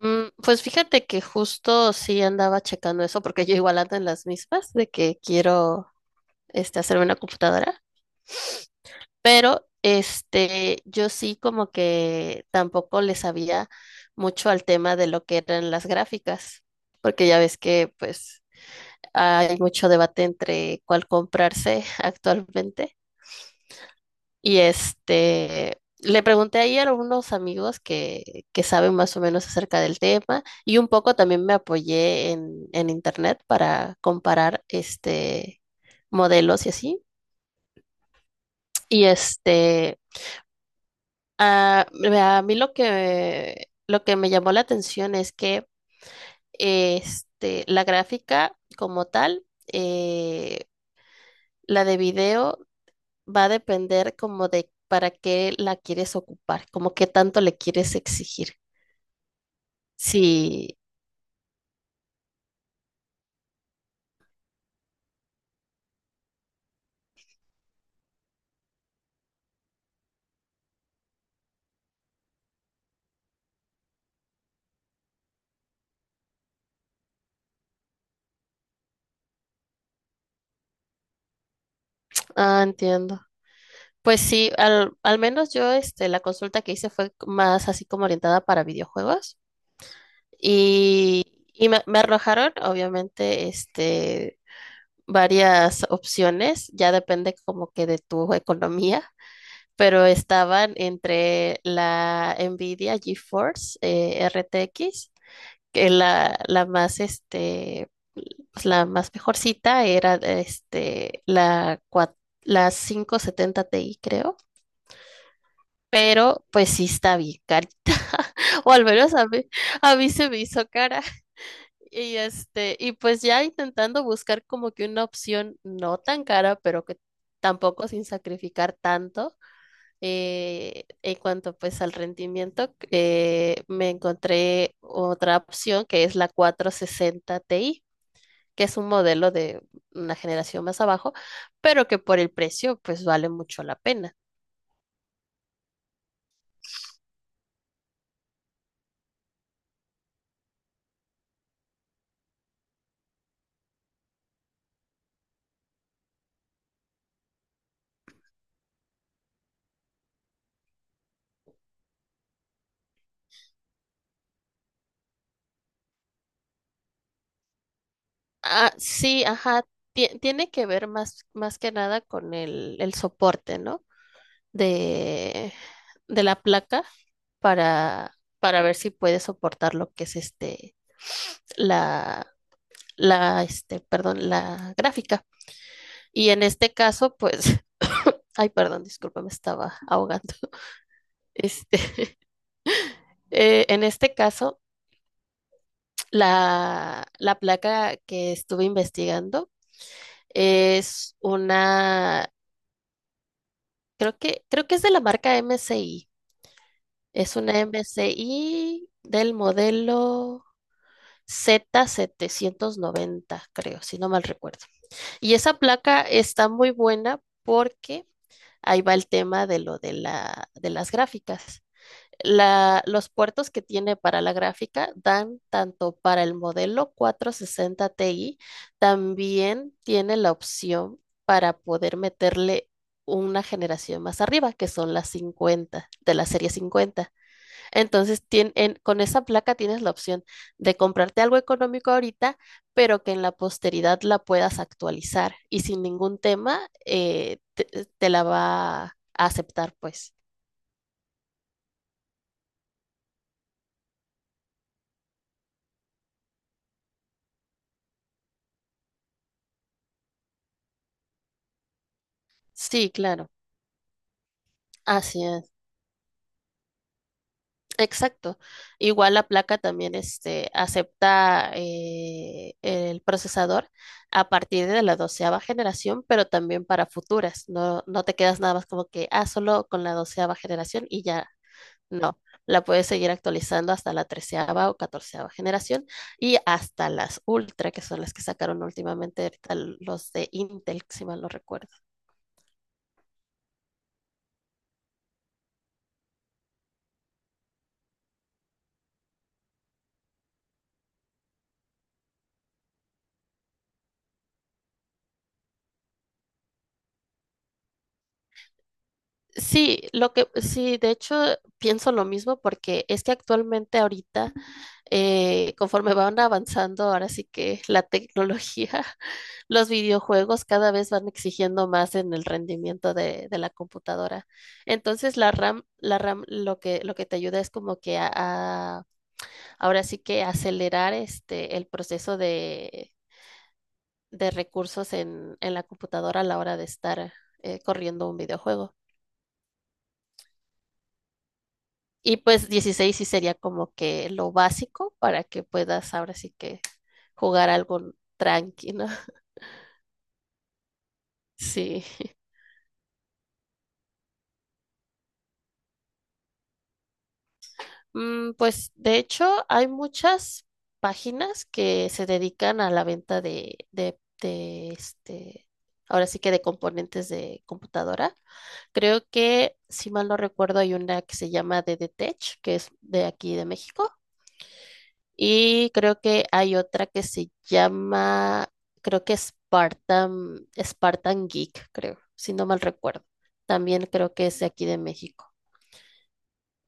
Pues fíjate que justo sí andaba checando eso, porque yo igual ando en las mismas de que quiero hacerme una computadora, pero yo sí como que tampoco le sabía mucho al tema de lo que eran las gráficas, porque ya ves que pues hay mucho debate entre cuál comprarse actualmente. Y le pregunté ahí a unos amigos que saben más o menos acerca del tema y un poco también me apoyé en internet para comparar este modelos y así. Y este, a, a mí lo que me llamó la atención es que la gráfica como tal, eh, la de video va a depender como de para qué la quieres ocupar, como qué tanto le quieres exigir. Sí, ah, entiendo. Pues sí, al menos yo la consulta que hice fue más así como orientada para videojuegos y me arrojaron obviamente varias opciones, ya depende como que de tu economía, pero estaban entre la Nvidia GeForce RTX que la más, pues, la más mejorcita era, este, la 570 Ti, creo, pero pues sí está bien carita, o al menos a mí se me hizo cara. Y este, y pues ya intentando buscar como que una opción no tan cara, pero que tampoco sin sacrificar tanto en cuanto pues al rendimiento, me encontré otra opción que es la 460 Ti, que es un modelo de una generación más abajo, pero que por el precio pues vale mucho la pena. Ah, sí, ajá, tiene que ver más que nada con el soporte, ¿no? De, de la placa para, para ver si puede soportar lo que es la, la, perdón, la gráfica. Y en este caso, pues, ay, perdón, disculpa, me estaba ahogando. Este, en este caso, la placa que estuve investigando es una, creo que es de la marca MSI. Es una MSI del modelo z 790 creo, si no mal recuerdo. Y esa placa está muy buena porque ahí va el tema de lo de de las gráficas. Los puertos que tiene para la gráfica dan tanto para el modelo 460 Ti, también tiene la opción para poder meterle una generación más arriba, que son las 50, de la serie 50. Entonces, con esa placa tienes la opción de comprarte algo económico ahorita, pero que en la posteridad la puedas actualizar y sin ningún tema te la va a aceptar, pues. Sí, claro. Así es. Exacto. Igual la placa también acepta el procesador a partir de la 12.ª generación, pero también para futuras. No, no te quedas nada más como que, ah, solo con la 12.ª generación y ya no. La puedes seguir actualizando hasta la 13.ª o 14.ª generación y hasta las ultra, que son las que sacaron últimamente ahorita los de Intel, si mal no recuerdo. Sí, lo que sí, de hecho pienso lo mismo porque es que actualmente ahorita conforme van avanzando, ahora sí que la tecnología, los videojuegos cada vez van exigiendo más en el rendimiento de la computadora. Entonces, la RAM lo que te ayuda es como que ahora sí que acelerar el proceso de recursos en la computadora a la hora de estar corriendo un videojuego. Y pues 16 sí sería como que lo básico para que puedas ahora sí que jugar algo tranquilo. Sí, Mm, pues de hecho hay muchas páginas que se dedican a la venta de ahora sí que de componentes de computadora. Creo que, si mal no recuerdo, hay una que se llama DDTech, que es de aquí de México, y creo que hay otra que se llama, creo que Spartan, Spartan Geek, creo, si no mal recuerdo. También creo que es de aquí de México.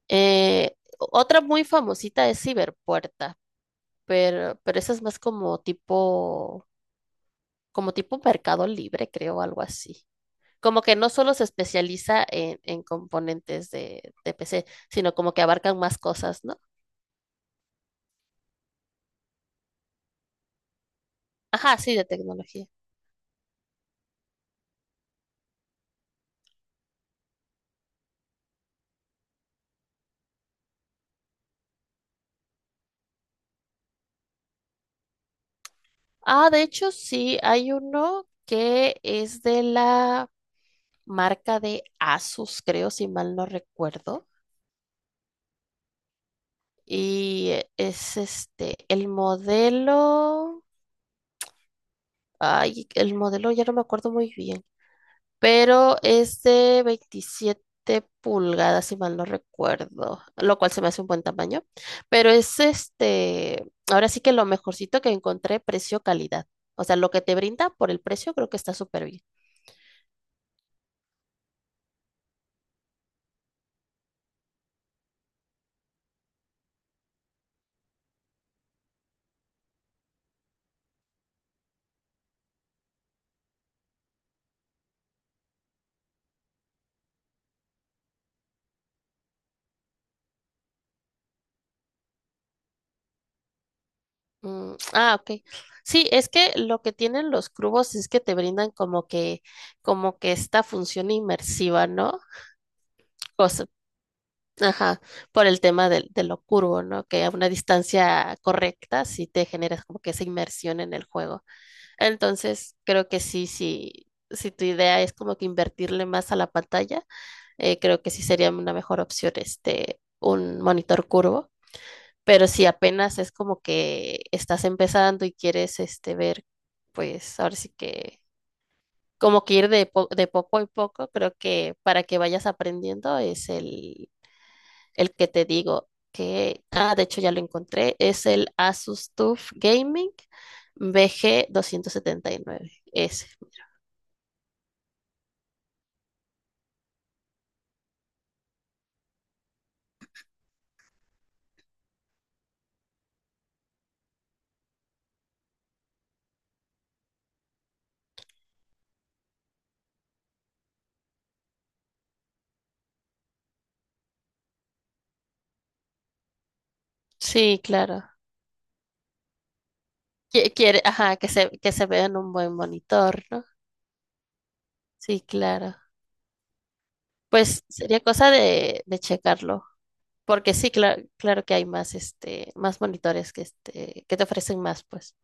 Otra muy famosita es Ciberpuerta, pero esa es más como tipo Mercado Libre, creo, algo así. Como que no solo se especializa en componentes de PC, sino como que abarcan más cosas, ¿no? Ajá, sí, de tecnología. Ah, de hecho, sí, hay uno que es de la marca de Asus, creo, si mal no recuerdo. Y es el modelo. Ay, el modelo ya no me acuerdo muy bien, pero es de 27 pulgadas, si mal no recuerdo, lo cual se me hace un buen tamaño, pero es ahora sí que lo mejorcito que encontré, precio-calidad. O sea, lo que te brinda por el precio creo que está súper bien. Mm, ah, ok. Sí, es que lo que tienen los cubos es que te brindan como que esta función inmersiva, ¿no? Cosa- ajá, por el tema de, lo curvo, ¿no? Que a una distancia correcta sí te generas como que esa inmersión en el juego. Entonces, creo que sí, sí, si tu idea es como que invertirle más a la pantalla, creo que sí sería una mejor opción un monitor curvo pero si apenas es como que estás empezando y quieres ver, pues ahora sí que como que ir de poco en poco, creo que para que vayas aprendiendo es el que te digo que, ah, de hecho ya lo encontré, es el Asus TUF Gaming vg 9 Ese. Sí, claro. Quiere, ajá, que se vea en un buen monitor, ¿no? Sí, claro. Pues sería cosa de checarlo. Porque sí, claro, claro que hay más, más monitores que te ofrecen más, pues.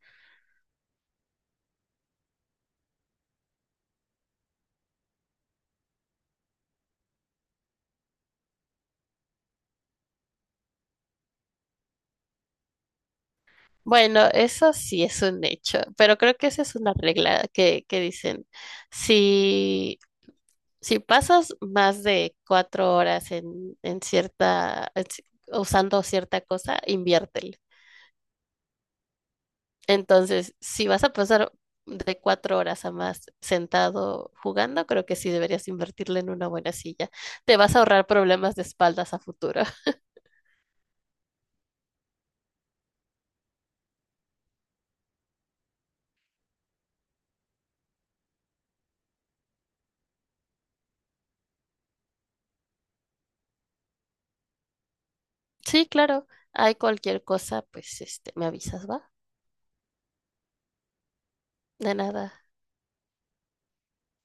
Bueno, eso sí es un hecho, pero creo que esa es una regla que dicen. Si, si pasas más de 4 horas en cierta, usando cierta cosa, invierte. Entonces, si vas a pasar de 4 horas a más sentado jugando, creo que sí deberías invertirle en una buena silla. Te vas a ahorrar problemas de espaldas a futuro. Sí, claro. Hay cualquier cosa, pues me avisas, ¿va? De nada.